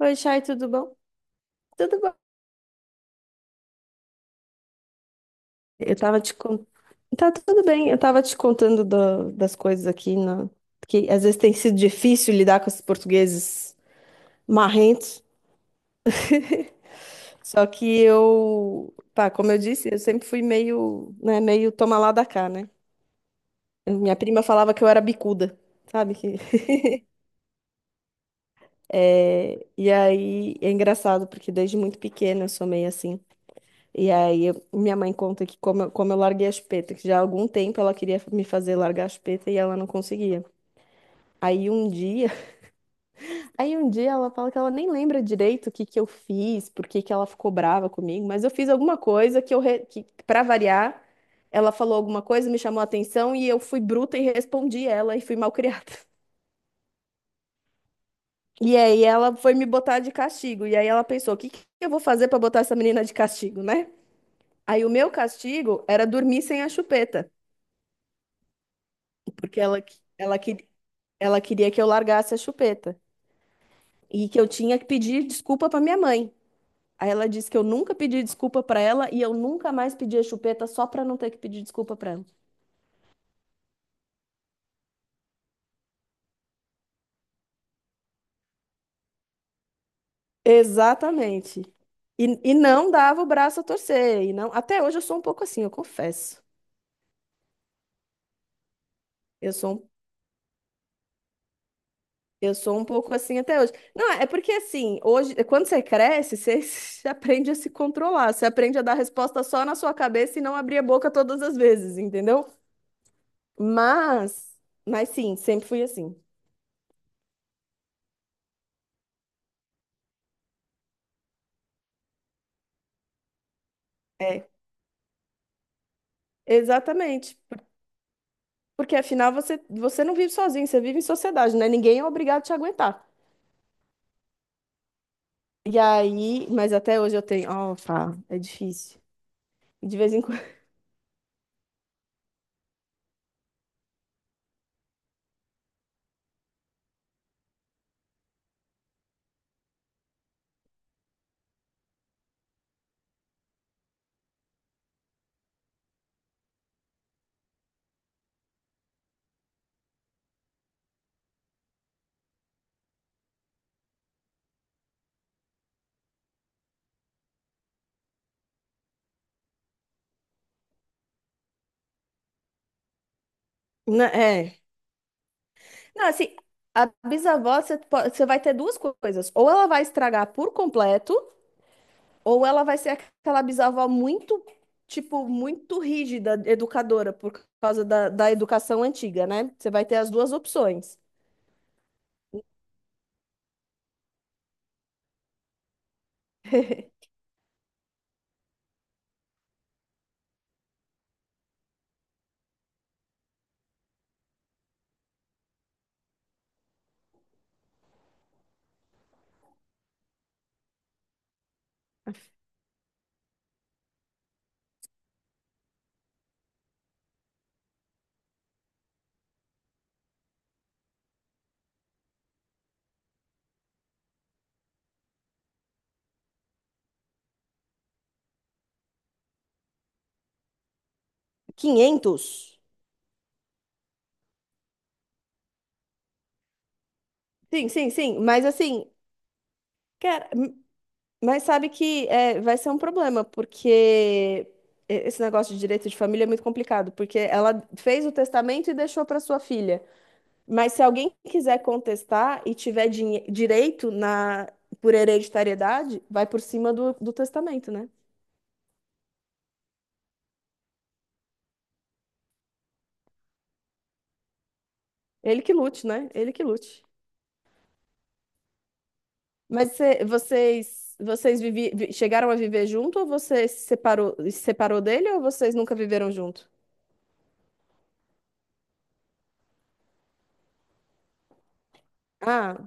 Oi, Chay, tudo bom? Tudo bom. Eu tava te contando. Tá tudo bem, eu tava te contando das coisas aqui, que às vezes tem sido difícil lidar com esses portugueses marrentos. Só que eu, pá, como eu disse, eu sempre fui meio, né, meio toma lá da cá, né? Minha prima falava que eu era bicuda, sabe? E aí é engraçado, porque desde muito pequena eu sou meio assim. E aí, minha mãe conta que como eu larguei a chupeta, que já há algum tempo ela queria me fazer largar a chupeta e ela não conseguia. Aí um dia, aí um dia ela fala que ela nem lembra direito o que que eu fiz, por que que ela ficou brava comigo, mas eu fiz alguma coisa que para variar, ela falou alguma coisa, me chamou a atenção e eu fui bruta e respondi ela e fui malcriada. E aí ela foi me botar de castigo. E aí ela pensou, o que que eu vou fazer pra botar essa menina de castigo, né? Aí o meu castigo era dormir sem a chupeta. Porque ela queria que eu largasse a chupeta e que eu tinha que pedir desculpa para minha mãe. Aí ela disse que eu nunca pedi desculpa para ela e eu nunca mais pedi a chupeta só para não ter que pedir desculpa para ela. Exatamente. E não dava o braço a torcer, e não, até hoje eu sou um pouco assim, eu confesso. Eu sou, um- eu sou um pouco assim até hoje. Não, é porque assim, hoje, quando você cresce, você aprende a se controlar, você aprende a dar resposta só na sua cabeça e não abrir a boca todas as vezes, entendeu? Mas, mas sim, sempre fui assim. É, exatamente. Porque afinal você, não vive sozinho, você vive em sociedade, né? Ninguém é obrigado a te aguentar. E aí, mas até hoje eu tenho. Ó, pá, é difícil. De vez em quando. Não, é. Não, assim, a bisavó, você, você vai ter duas coisas. Ou ela vai estragar por completo, ou ela vai ser aquela bisavó muito, tipo, muito rígida, educadora, por causa da educação antiga, né? Você vai ter as duas opções. 500. Sim, sim, sim. Mas assim, cara, mas sabe que é, vai ser um problema, porque esse negócio de direito de família é muito complicado, porque ela fez o testamento e deixou para sua filha. Mas se alguém quiser contestar e tiver direito na por hereditariedade, vai por cima do testamento, né? Ele que lute, né? Ele que lute. Mas vocês chegaram a viver junto ou você se separou, dele ou vocês nunca viveram junto? Ah.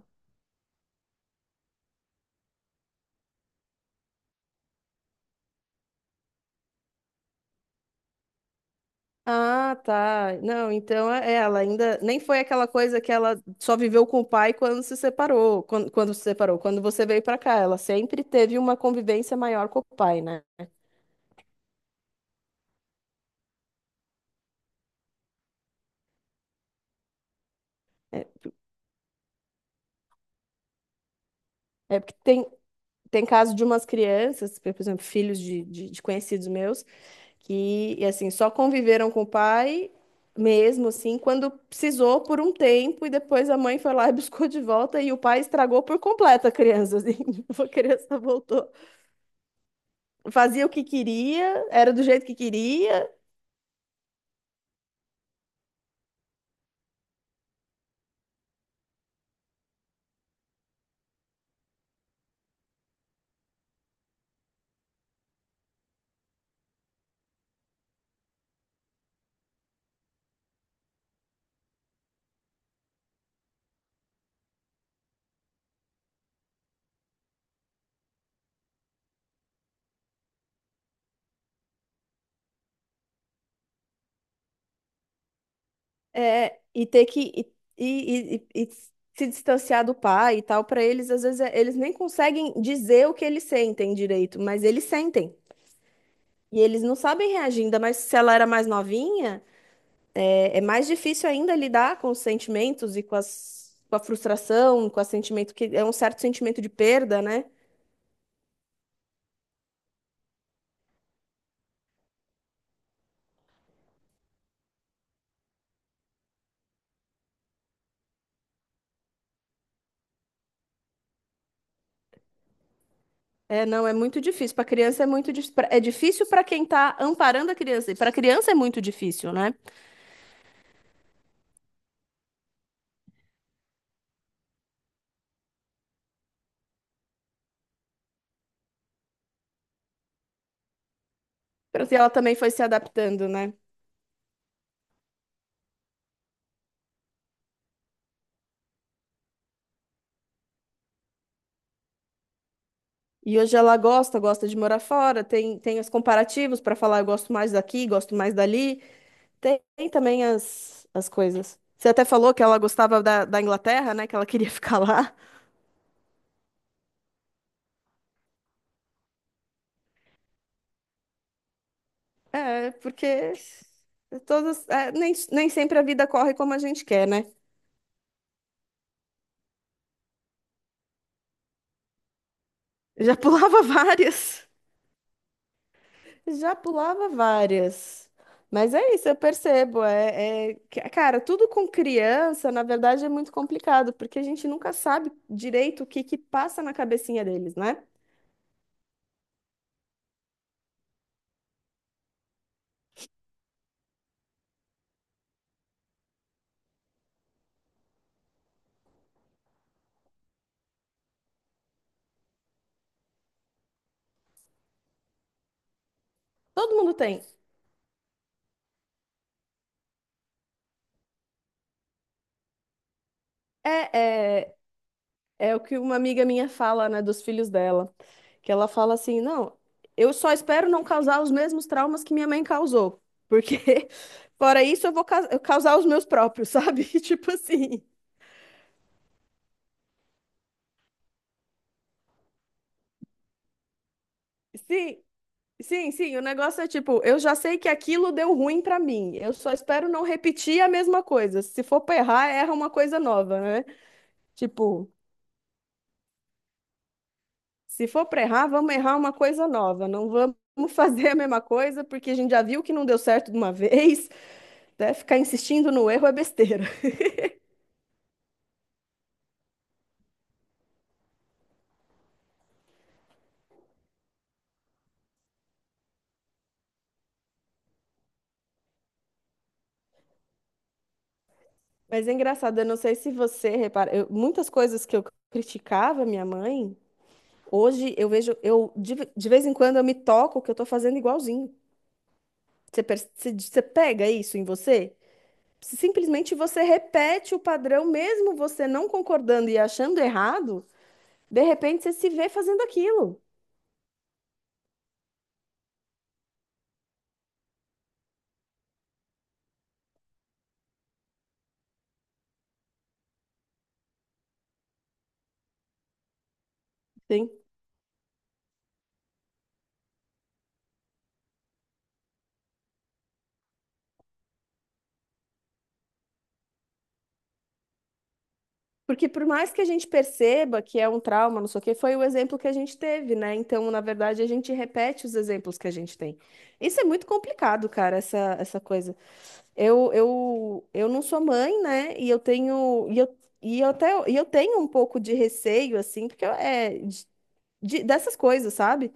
Ah, tá. Não, então é, ela ainda nem foi aquela coisa que ela só viveu com o pai quando se separou, quando se separou, quando você veio pra cá, ela sempre teve uma convivência maior com o pai, né? É, é porque tem caso de umas crianças, por exemplo, filhos de conhecidos meus, que e assim só conviveram com o pai mesmo assim quando precisou por um tempo e depois a mãe foi lá e buscou de volta e o pai estragou por completo a criança, assim, a criança voltou fazia o que queria, era do jeito que queria, é, e ter que e se distanciar do pai e tal, para eles, às vezes, eles nem conseguem dizer o que eles sentem direito, mas eles sentem. E eles não sabem reagir, ainda mais se ela era mais novinha, é mais difícil ainda lidar com os sentimentos e com as, com a frustração, com o sentimento que é um certo sentimento de perda, né? É, não, é muito difícil. Para criança é muito difícil para quem tá amparando a criança. E para criança é muito difícil, né? E ela também foi se adaptando, né? E hoje ela gosta, de morar fora, tem, os comparativos para falar, eu gosto mais daqui, gosto mais dali. Tem, também as, coisas. Você até falou que ela gostava da, Inglaterra, né? Que ela queria ficar lá. É, porque todas, é, nem sempre a vida corre como a gente quer, né? Já pulava várias. Já pulava várias. Mas é isso, eu percebo. Cara, tudo com criança, na verdade, é muito complicado, porque a gente nunca sabe direito o que que passa na cabecinha deles, né? Todo mundo tem. É, é, é o que uma amiga minha fala, né, dos filhos dela, que ela fala assim, não, eu só espero não causar os mesmos traumas que minha mãe causou, porque fora isso eu causar os meus próprios, sabe? Tipo assim. Sim, sim, sim, o negócio é tipo, eu já sei que aquilo deu ruim pra mim. Eu só espero não repetir a mesma coisa. Se for pra errar, erra uma coisa nova, né? Tipo, se for pra errar, vamos errar uma coisa nova. Não vamos fazer a mesma coisa, porque a gente já viu que não deu certo de uma vez, né? Ficar insistindo no erro é besteira. Mas é engraçado, eu não sei se você repara, muitas coisas que eu criticava minha mãe, hoje eu vejo, eu de vez em quando eu me toco que eu tô fazendo igualzinho. Você, você pega isso em você? Simplesmente você repete o padrão, mesmo você não concordando e achando errado, de repente você se vê fazendo aquilo. Sim. Porque por mais que a gente perceba que é um trauma, não sei o quê, foi o exemplo que a gente teve, né? Então, na verdade, a gente repete os exemplos que a gente tem. Isso é muito complicado, cara, essa coisa. Eu não sou mãe, né? E eu tenho um pouco de receio assim, porque dessas coisas, sabe?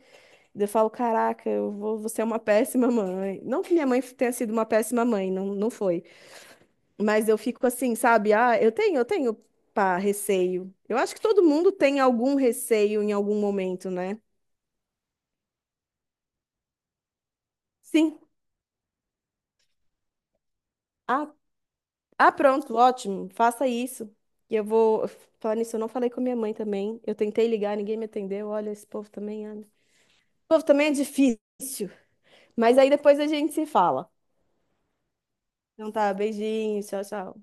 Eu falo, caraca, eu vou ser uma péssima mãe. Não que minha mãe tenha sido uma péssima mãe, não, não foi. Mas eu fico assim, sabe? Ah, eu tenho, pá, receio. Eu acho que todo mundo tem algum receio em algum momento, né? Sim. Ah, pronto, ótimo. Faça isso. E eu vou falar nisso. Eu não falei com a minha mãe também. Eu tentei ligar, ninguém me atendeu. Olha, Esse povo também é difícil. Mas aí depois a gente se fala. Então tá, beijinho, tchau, tchau.